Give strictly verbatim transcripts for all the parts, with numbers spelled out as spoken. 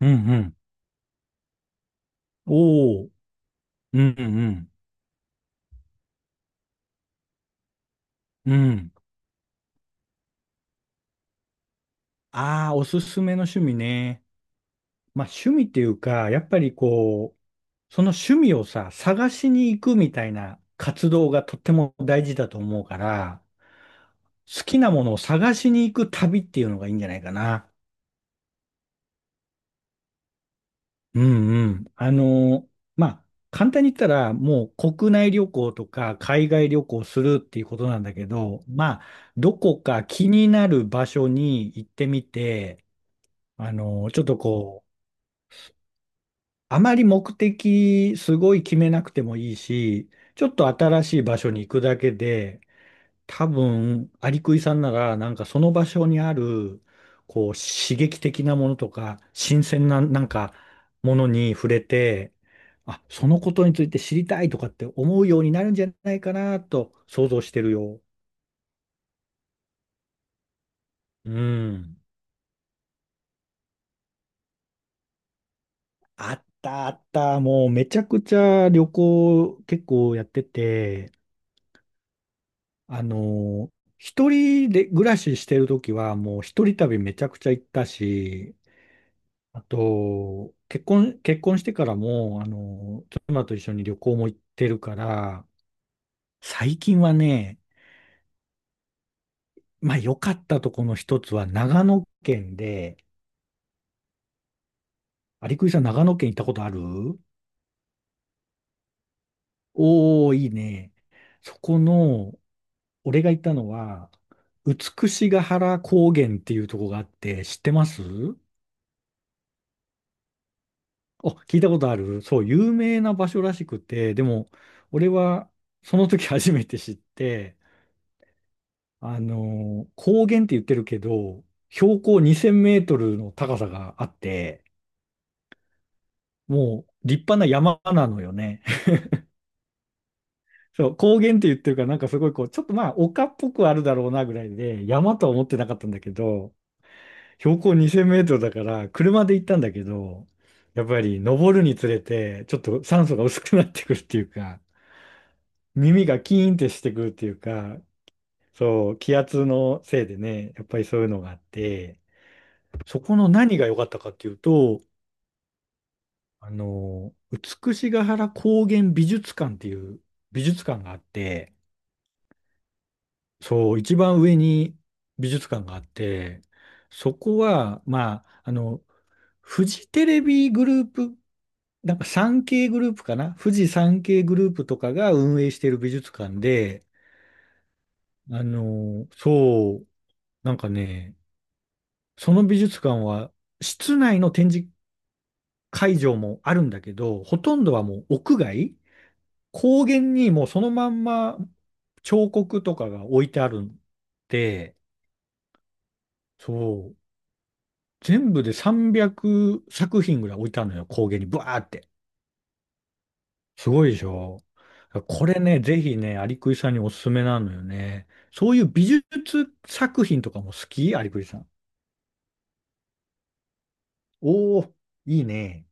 うんうん。おお。うんうんうん。うん。ああ、おすすめの趣味ね。まあ趣味っていうか、やっぱりこう、その趣味をさ、探しに行くみたいな活動がとっても大事だと思うから、好きなものを探しに行く旅っていうのがいいんじゃないかな。うんうん。あの、まあ、簡単に言ったら、もう国内旅行とか海外旅行するっていうことなんだけど、まあ、どこか気になる場所に行ってみて、あの、ちょっとこう、あまり目的すごい決めなくてもいいし、ちょっと新しい場所に行くだけで、多分、アリクイさんなら、なんかその場所にある、こう、刺激的なものとか、新鮮な、なんか、ものに触れて、あ、そのことについて知りたいとかって思うようになるんじゃないかなと想像してるよ。うん。あったあった。もうめちゃくちゃ旅行結構やってて、あの、一人で暮らししてるときは、もう一人旅めちゃくちゃ行ったし、あと、結婚、結婚してからも、あの、妻と一緒に旅行も行ってるから、最近はね、まあ良かったとこの一つは長野県で、有リクさん長野県行ったことある？おー、いいね。そこの、俺が行ったのは、美ヶ原高原っていうとこがあって、知ってます？お、聞いたことあるそう、有名な場所らしくて、でも、俺はその時 初めて知って、あのー高原って言ってるけど、標高にせんメートルの高さがあって、もう立派な山なのよね。そう、高原って言ってるから、なんかすごいこう、ちょっとまあ、丘っぽくあるだろうなぐらいで、山とは思ってなかったんだけど、標高にせんメートルだから、車で行ったんだけど、やっぱり登るにつれて、ちょっと酸素が薄くなってくるっていうか、耳がキーンってしてくるっていうか、そう、気圧のせいでね、やっぱりそういうのがあって、そこの何が良かったかっていうと、あの、美しが原高原美術館っていう美術館があって、そう、一番上に美術館があって、そこは、まあ、あの、フジテレビグループ、なんか さんけー グループかな富士 さんけー グループとかが運営している美術館で、あの、そう、なんかね、その美術館は、室内の展示会場もあるんだけど、ほとんどはもう屋外、高原にもうそのまんま彫刻とかが置いてあるんで、そう、全部でさんびゃくさく品ぐらい置いてあるのよ、高原に、ブワーって。すごいでしょ。これね、ぜひね、アリクイさんにおすすめなのよね。そういう美術作品とかも好き？アリクイさん。おー、いいね。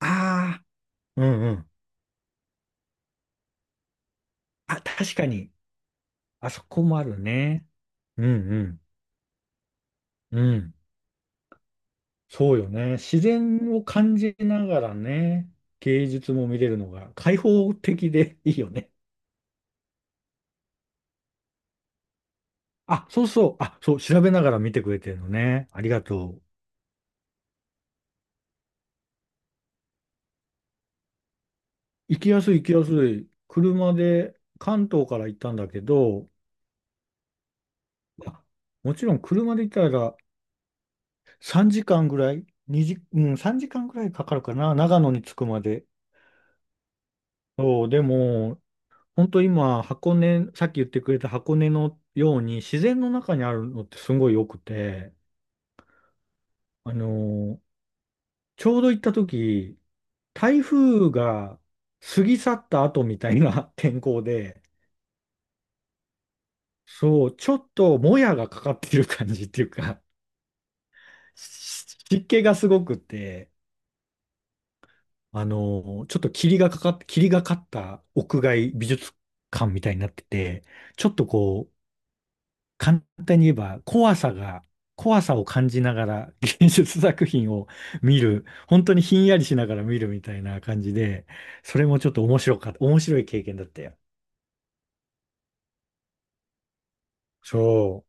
ああ、うんうん。あ、確かに。あそこもあるね。うんうん。うん。そうよね。自然を感じながらね、芸術も見れるのが開放的でいいよね。あ、そうそう。あ、そう、調べながら見てくれてるのね。ありがとう。行きやすい行きやすい。車で関東から行ったんだけど、まあもちろん車で行ったらさんじかんぐらい、にじ、うん、さんじかんぐらいかかるかな。長野に着くまで。そう、でも、本当今、箱根、さっき言ってくれた箱根のように自然の中にあるのってすごい良くて、あのちょうど行った時、台風が過ぎ去った後みたいな 天候で、そう、ちょっともやがかかってる感じっていうか、し湿気がすごくて、あのちょっと霧がかかって、霧がかった屋外美術館みたいになってて、ちょっとこう、簡単に言えば怖さが、怖さを感じながら芸術 作品を見る、本当にひんやりしながら見るみたいな感じで、それもちょっと面白かった、面白い経験だったよ。そ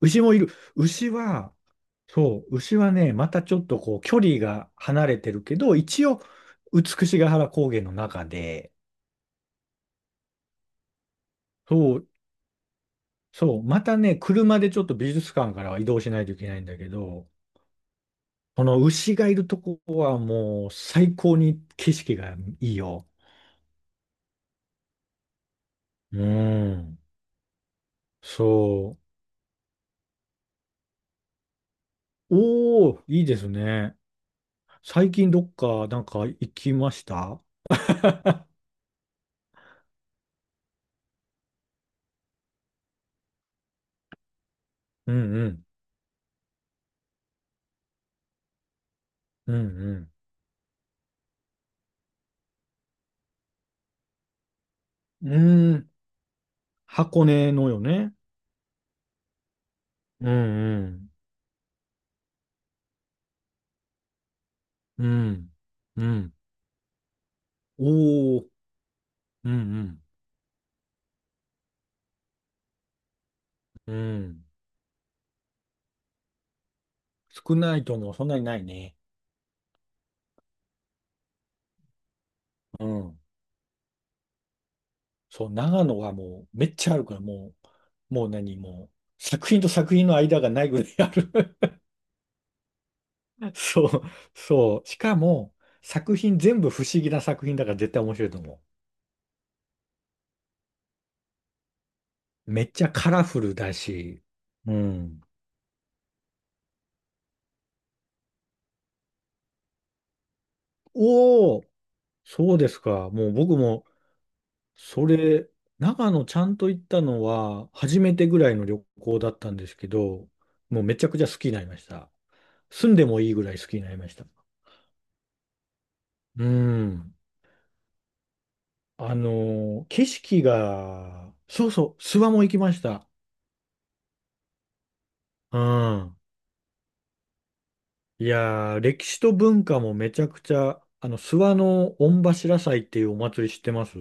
う。牛もいる。牛は、そう、牛はね、またちょっとこう距離が離れてるけど、一応、美しが原高原の中で、そう、そう、またね、車でちょっと美術館からは移動しないといけないんだけど、この牛がいるとこはもう最高に景色がいいよ。うん。そう。おー、いいですね。最近どっかなんか行きました？うんうん。うんうん。うーん。箱根のよね？うんうん。うん。うん。おー。うんうん。うん。少ないともそんなにないね。うん。そう、長野はもうめっちゃあるから、もう、もう何、もう、作品と作品の間がないぐらいある。そう、そう。しかも、作品全部不思議な作品だから絶対面白いと思う。めっちゃカラフルだし、うん。おお、そうですか。もう僕も、それ、長野ちゃんと行ったのは、初めてぐらいの旅行だったんですけど、もうめちゃくちゃ好きになりました。住んでもいいぐらい好きになりました。うん。あの、景色が、そうそう、諏訪も行きました。うん。いやー、歴史と文化もめちゃくちゃ、あの、諏訪の御柱祭っていうお祭り知ってます？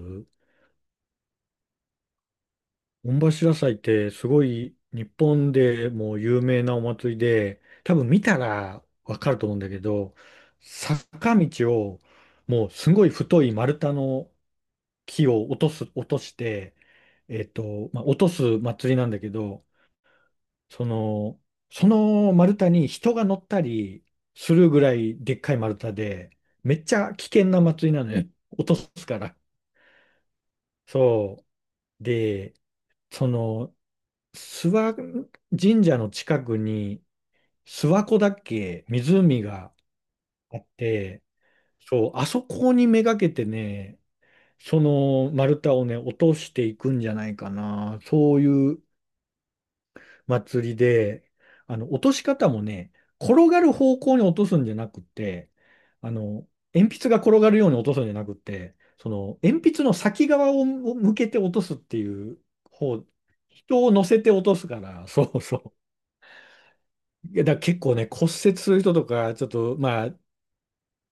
御柱祭ってすごい日本でもう有名なお祭りで、多分見たらわかると思うんだけど、坂道をもうすごい太い丸太の木を落とす、落として、えっと、まあ、落とす祭りなんだけど、その、その丸太に人が乗ったりするぐらいでっかい丸太で、めっちゃ危険な祭りなのよ。落とすから。そう。で、その、諏訪神社の近くに、諏訪湖だっけ、湖があって、そう、あそこにめがけてね、その丸太をね、落としていくんじゃないかな。そういう祭りで、あの、落とし方もね、転がる方向に落とすんじゃなくて、あの、鉛筆が転がるように落とすんじゃなくて、その、鉛筆の先側を向けて落とすっていう方、人を乗せて落とすから、そうそう。いや、だから結構ね、骨折する人とか、ちょっと、まあ、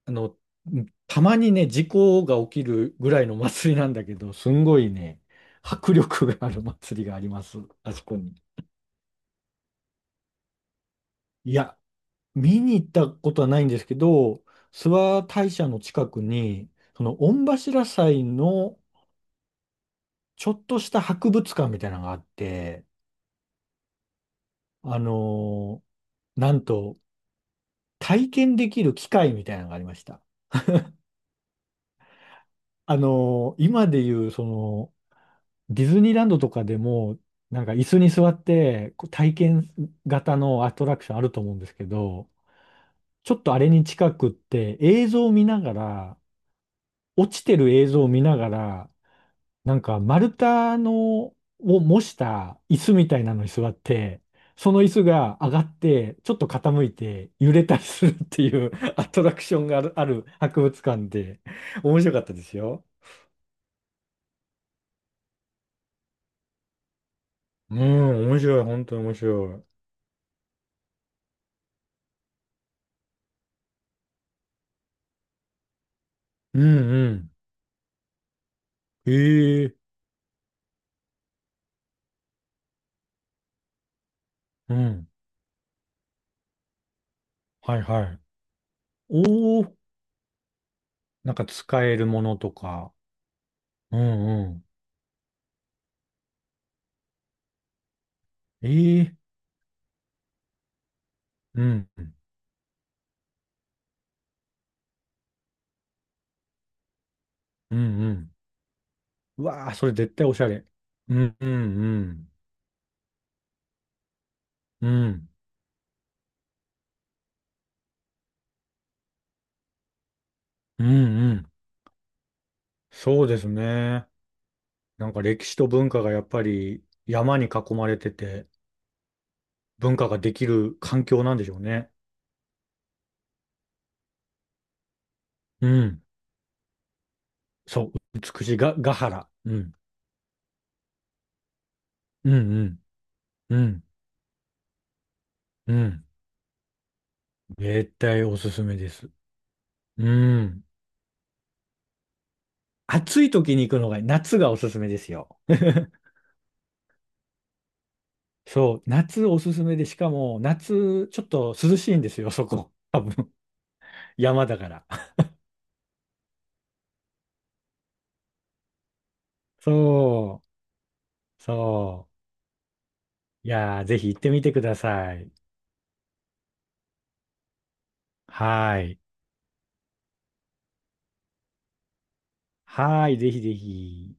あの、たまにね、事故が起きるぐらいの祭りなんだけど、すんごいね、迫力がある祭りがあります、あそこに。いや、見に行ったことはないんですけど、諏訪大社の近くに、その御柱祭のちょっとした博物館みたいなのがあって、あのーなんと体験できる機械みたいなのがありました。あのー今でいうそのディズニーランドとかでも、なんか椅子に座ってこう体験型のアトラクションあると思うんですけど、ちょっとあれに近くって映像を見ながら、落ちてる映像を見ながら、なんか丸太のを模した椅子みたいなのに座って、その椅子が上がって、ちょっと傾いて揺れたりするっていう アトラクションがある、ある博物館で、面白かったですよ。うん、面白い、本当に面白い。うんうん。へえ、うん。はいはい。おお、なんか使えるものとか。うんうん。ええ、うん、うんうん。うわあ、それ絶対おしゃれ。うんうんうん。うん。うんうん。そうですね。なんか歴史と文化がやっぱり山に囲まれてて、文化ができる環境なんでしょうね。うん。そう、美しいが、ヶ原。うん。うんうん。うん。うん。絶対おすすめです。うん。暑い時に行くのが、夏がおすすめですよ。そう、夏おすすめで、しかも夏ちょっと涼しいんですよ、そこ。多分、山だから。そう、そう。いやー、ぜひ行ってみてください。はーい。はーい、ぜひぜひ。